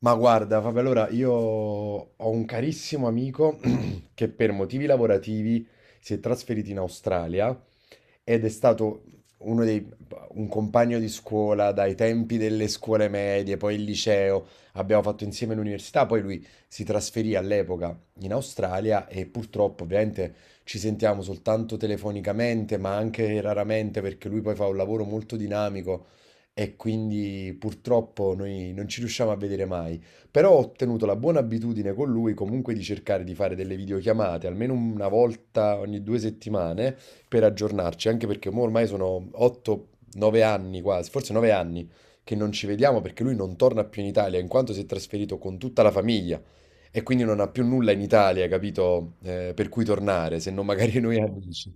Ma guarda, Fabio, allora io ho un carissimo amico che per motivi lavorativi si è trasferito in Australia ed è stato uno dei, un compagno di scuola dai tempi delle scuole medie, poi il liceo, abbiamo fatto insieme l'università, poi lui si trasferì all'epoca in Australia e purtroppo ovviamente ci sentiamo soltanto telefonicamente, ma anche raramente perché lui poi fa un lavoro molto dinamico e quindi purtroppo noi non ci riusciamo a vedere mai. Però ho tenuto la buona abitudine con lui comunque di cercare di fare delle videochiamate, almeno una volta ogni 2 settimane per aggiornarci, anche perché mo ormai sono 8-9 anni quasi, forse 9 anni che non ci vediamo perché lui non torna più in Italia, in quanto si è trasferito con tutta la famiglia e quindi non ha più nulla in Italia, capito? Per cui tornare, se non magari noi amici.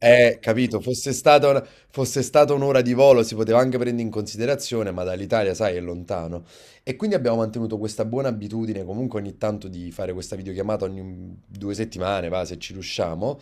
Capito, fosse stata un'ora di volo si poteva anche prendere in considerazione, ma dall'Italia, sai, è lontano. E quindi abbiamo mantenuto questa buona abitudine comunque ogni tanto di fare questa videochiamata ogni 2 settimane, va, se ci riusciamo.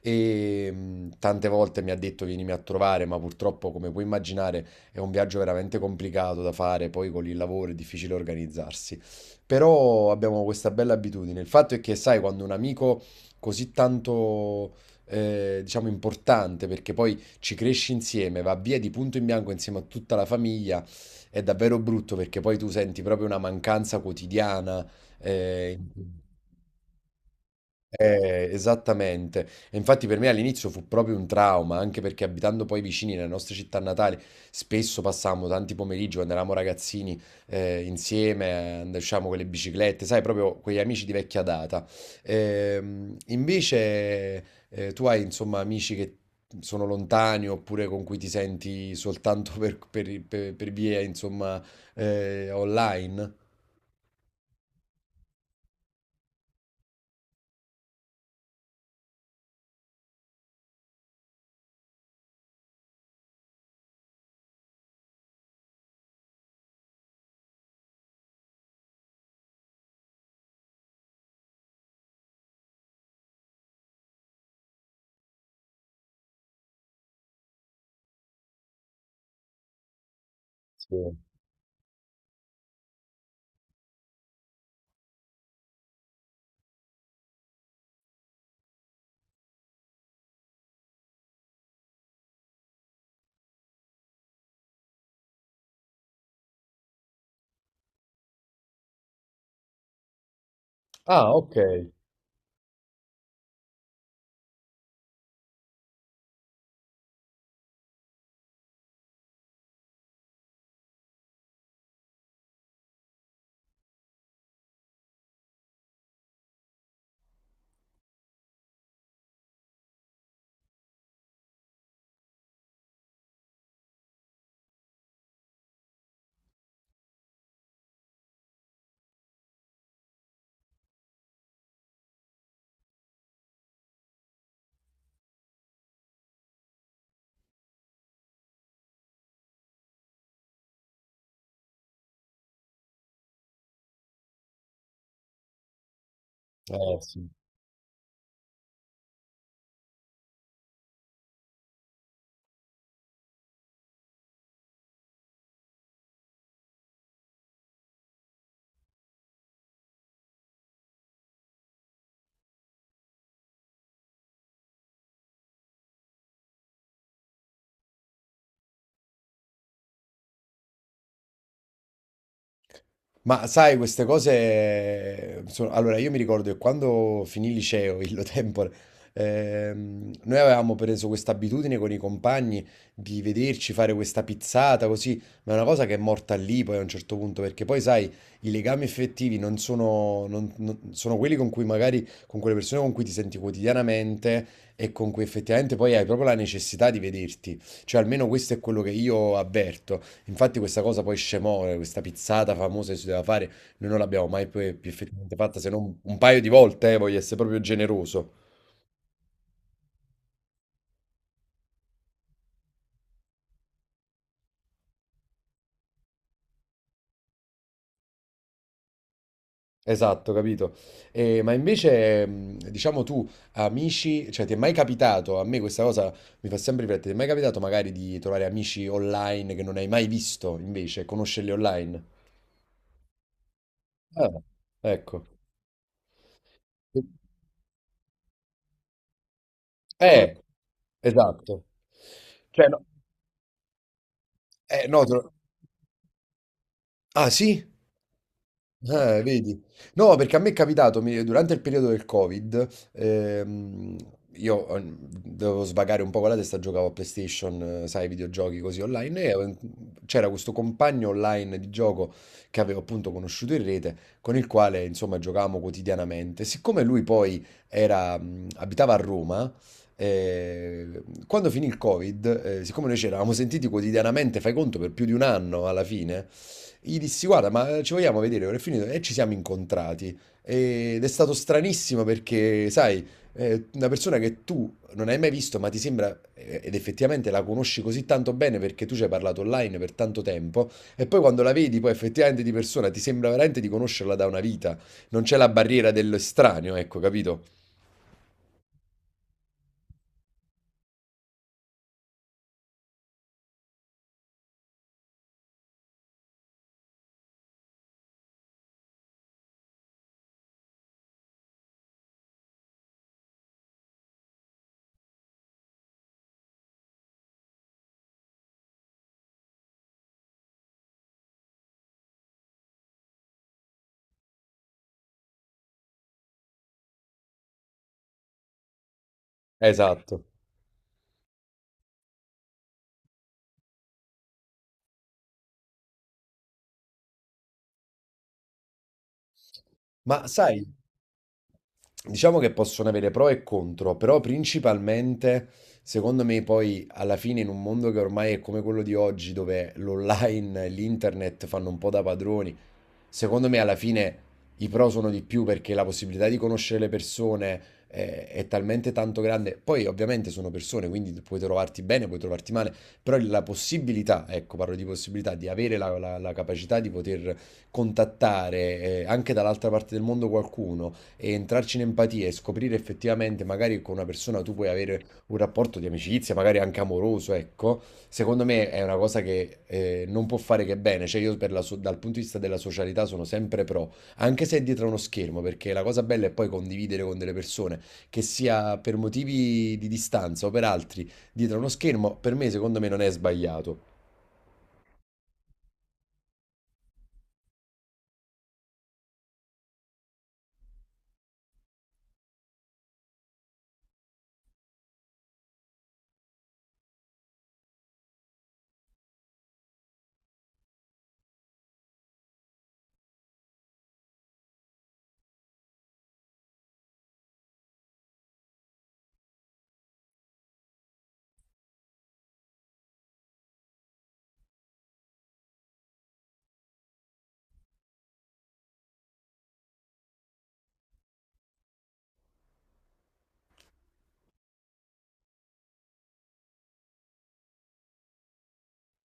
E tante volte mi ha detto vienimi a trovare, ma purtroppo, come puoi immaginare, è un viaggio veramente complicato da fare, poi con il lavoro è difficile organizzarsi. Però abbiamo questa bella abitudine. Il fatto è che, sai, quando un amico così tanto diciamo, importante perché poi ci cresci insieme, va via di punto in bianco insieme a tutta la famiglia, è davvero brutto perché poi tu senti proprio una mancanza quotidiana. eh, eh, esattamente. E infatti per me all'inizio fu proprio un trauma, anche perché abitando poi vicini nelle nostre città natali, spesso passavamo tanti pomeriggi quando eravamo ragazzini insieme, andavamo con le biciclette, sai, proprio quegli amici di vecchia data. Invece tu hai insomma amici che sono lontani oppure con cui ti senti soltanto per via insomma online? Sì. Ah, ok. Sì. Ma sai, queste cose sono. Allora, io mi ricordo che quando finì il liceo, illo tempore, noi avevamo preso questa abitudine con i compagni di vederci fare questa pizzata così, ma è una cosa che è morta lì poi a un certo punto, perché poi sai, i legami effettivi non sono quelli con cui magari, con quelle persone con cui ti senti quotidianamente e con cui effettivamente poi hai proprio la necessità di vederti. Cioè, almeno questo è quello che io avverto. Infatti questa cosa poi scemore, questa pizzata famosa che si doveva fare, noi non l'abbiamo mai poi più effettivamente fatta se non un paio di volte, voglio essere proprio generoso. Esatto, capito. Ma invece, diciamo tu, amici, cioè ti è mai capitato, a me questa cosa mi fa sempre riflettere, ti è mai capitato magari di trovare amici online che non hai mai visto invece, conoscerli online? Ah, ecco. Eh, esatto. Cioè, no, no, Ah, sì? Vedi? No, perché a me è capitato, durante il periodo del Covid, io dovevo svagare un po' con la testa, giocavo a PlayStation, sai, videogiochi così online, e c'era questo compagno online di gioco che avevo appunto conosciuto in rete, con il quale insomma giocavamo quotidianamente. Siccome lui poi era, abitava a Roma, quando finì il Covid, siccome noi ci eravamo sentiti quotidianamente, fai conto, per più di un anno alla fine, gli dissi, guarda, ma ci vogliamo vedere, ora è finito. E ci siamo incontrati. Ed è stato stranissimo perché, sai, una persona che tu non hai mai visto, ma ti sembra, ed effettivamente la conosci così tanto bene perché tu ci hai parlato online per tanto tempo, e poi quando la vedi, poi effettivamente di persona, ti sembra veramente di conoscerla da una vita. Non c'è la barriera dell'estraneo, ecco, capito? Esatto. Ma sai. Diciamo che possono avere pro e contro, però principalmente, secondo me, poi alla fine in un mondo che ormai è come quello di oggi, dove l'online e l'internet fanno un po' da padroni, secondo me alla fine i pro sono di più perché la possibilità di conoscere le persone è, talmente tanto grande. Poi ovviamente sono persone, quindi puoi trovarti bene, puoi trovarti male, però la possibilità, ecco, parlo di possibilità, di avere la capacità di poter contattare anche dall'altra parte del mondo qualcuno e entrarci in empatia e scoprire effettivamente magari con una persona tu puoi avere un rapporto di amicizia, magari anche amoroso, ecco, secondo me è una cosa che non può fare che bene. Cioè, io dal punto di vista della socialità sono sempre pro, anche se è dietro uno schermo, perché la cosa bella è poi condividere con delle persone, che sia per motivi di distanza o per altri, dietro uno schermo, per me, secondo me, non è sbagliato.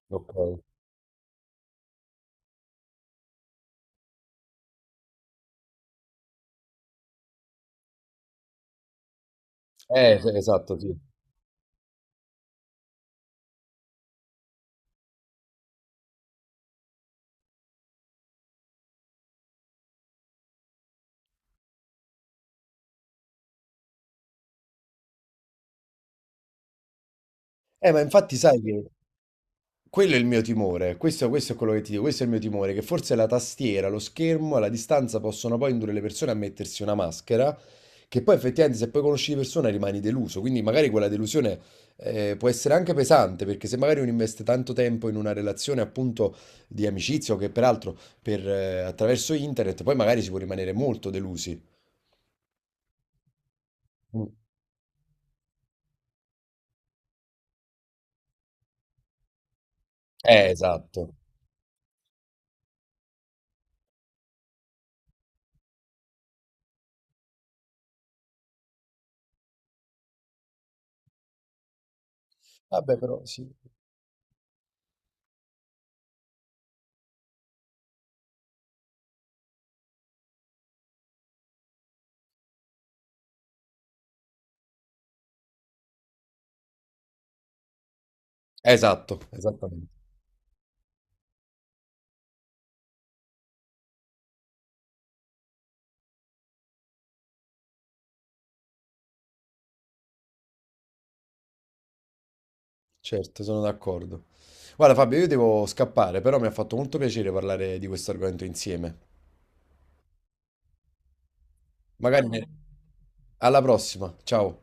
Ok. Sì, esatto, sì. Ma infatti sai che. Quello è il mio timore, questo è quello che ti dico, questo è il mio timore, che forse la tastiera, lo schermo, alla distanza possono poi indurre le persone a mettersi una maschera, che poi effettivamente se poi conosci di persona rimani deluso, quindi magari quella delusione può essere anche pesante, perché se magari uno investe tanto tempo in una relazione appunto di amicizia o che peraltro attraverso internet, poi magari si può rimanere molto delusi. Mm. Esatto. Vabbè, però sì. Esatto, esattamente. Certo, sono d'accordo. Guarda, Fabio, io devo scappare, però mi ha fatto molto piacere parlare di questo argomento insieme. Magari ne- alla prossima, ciao.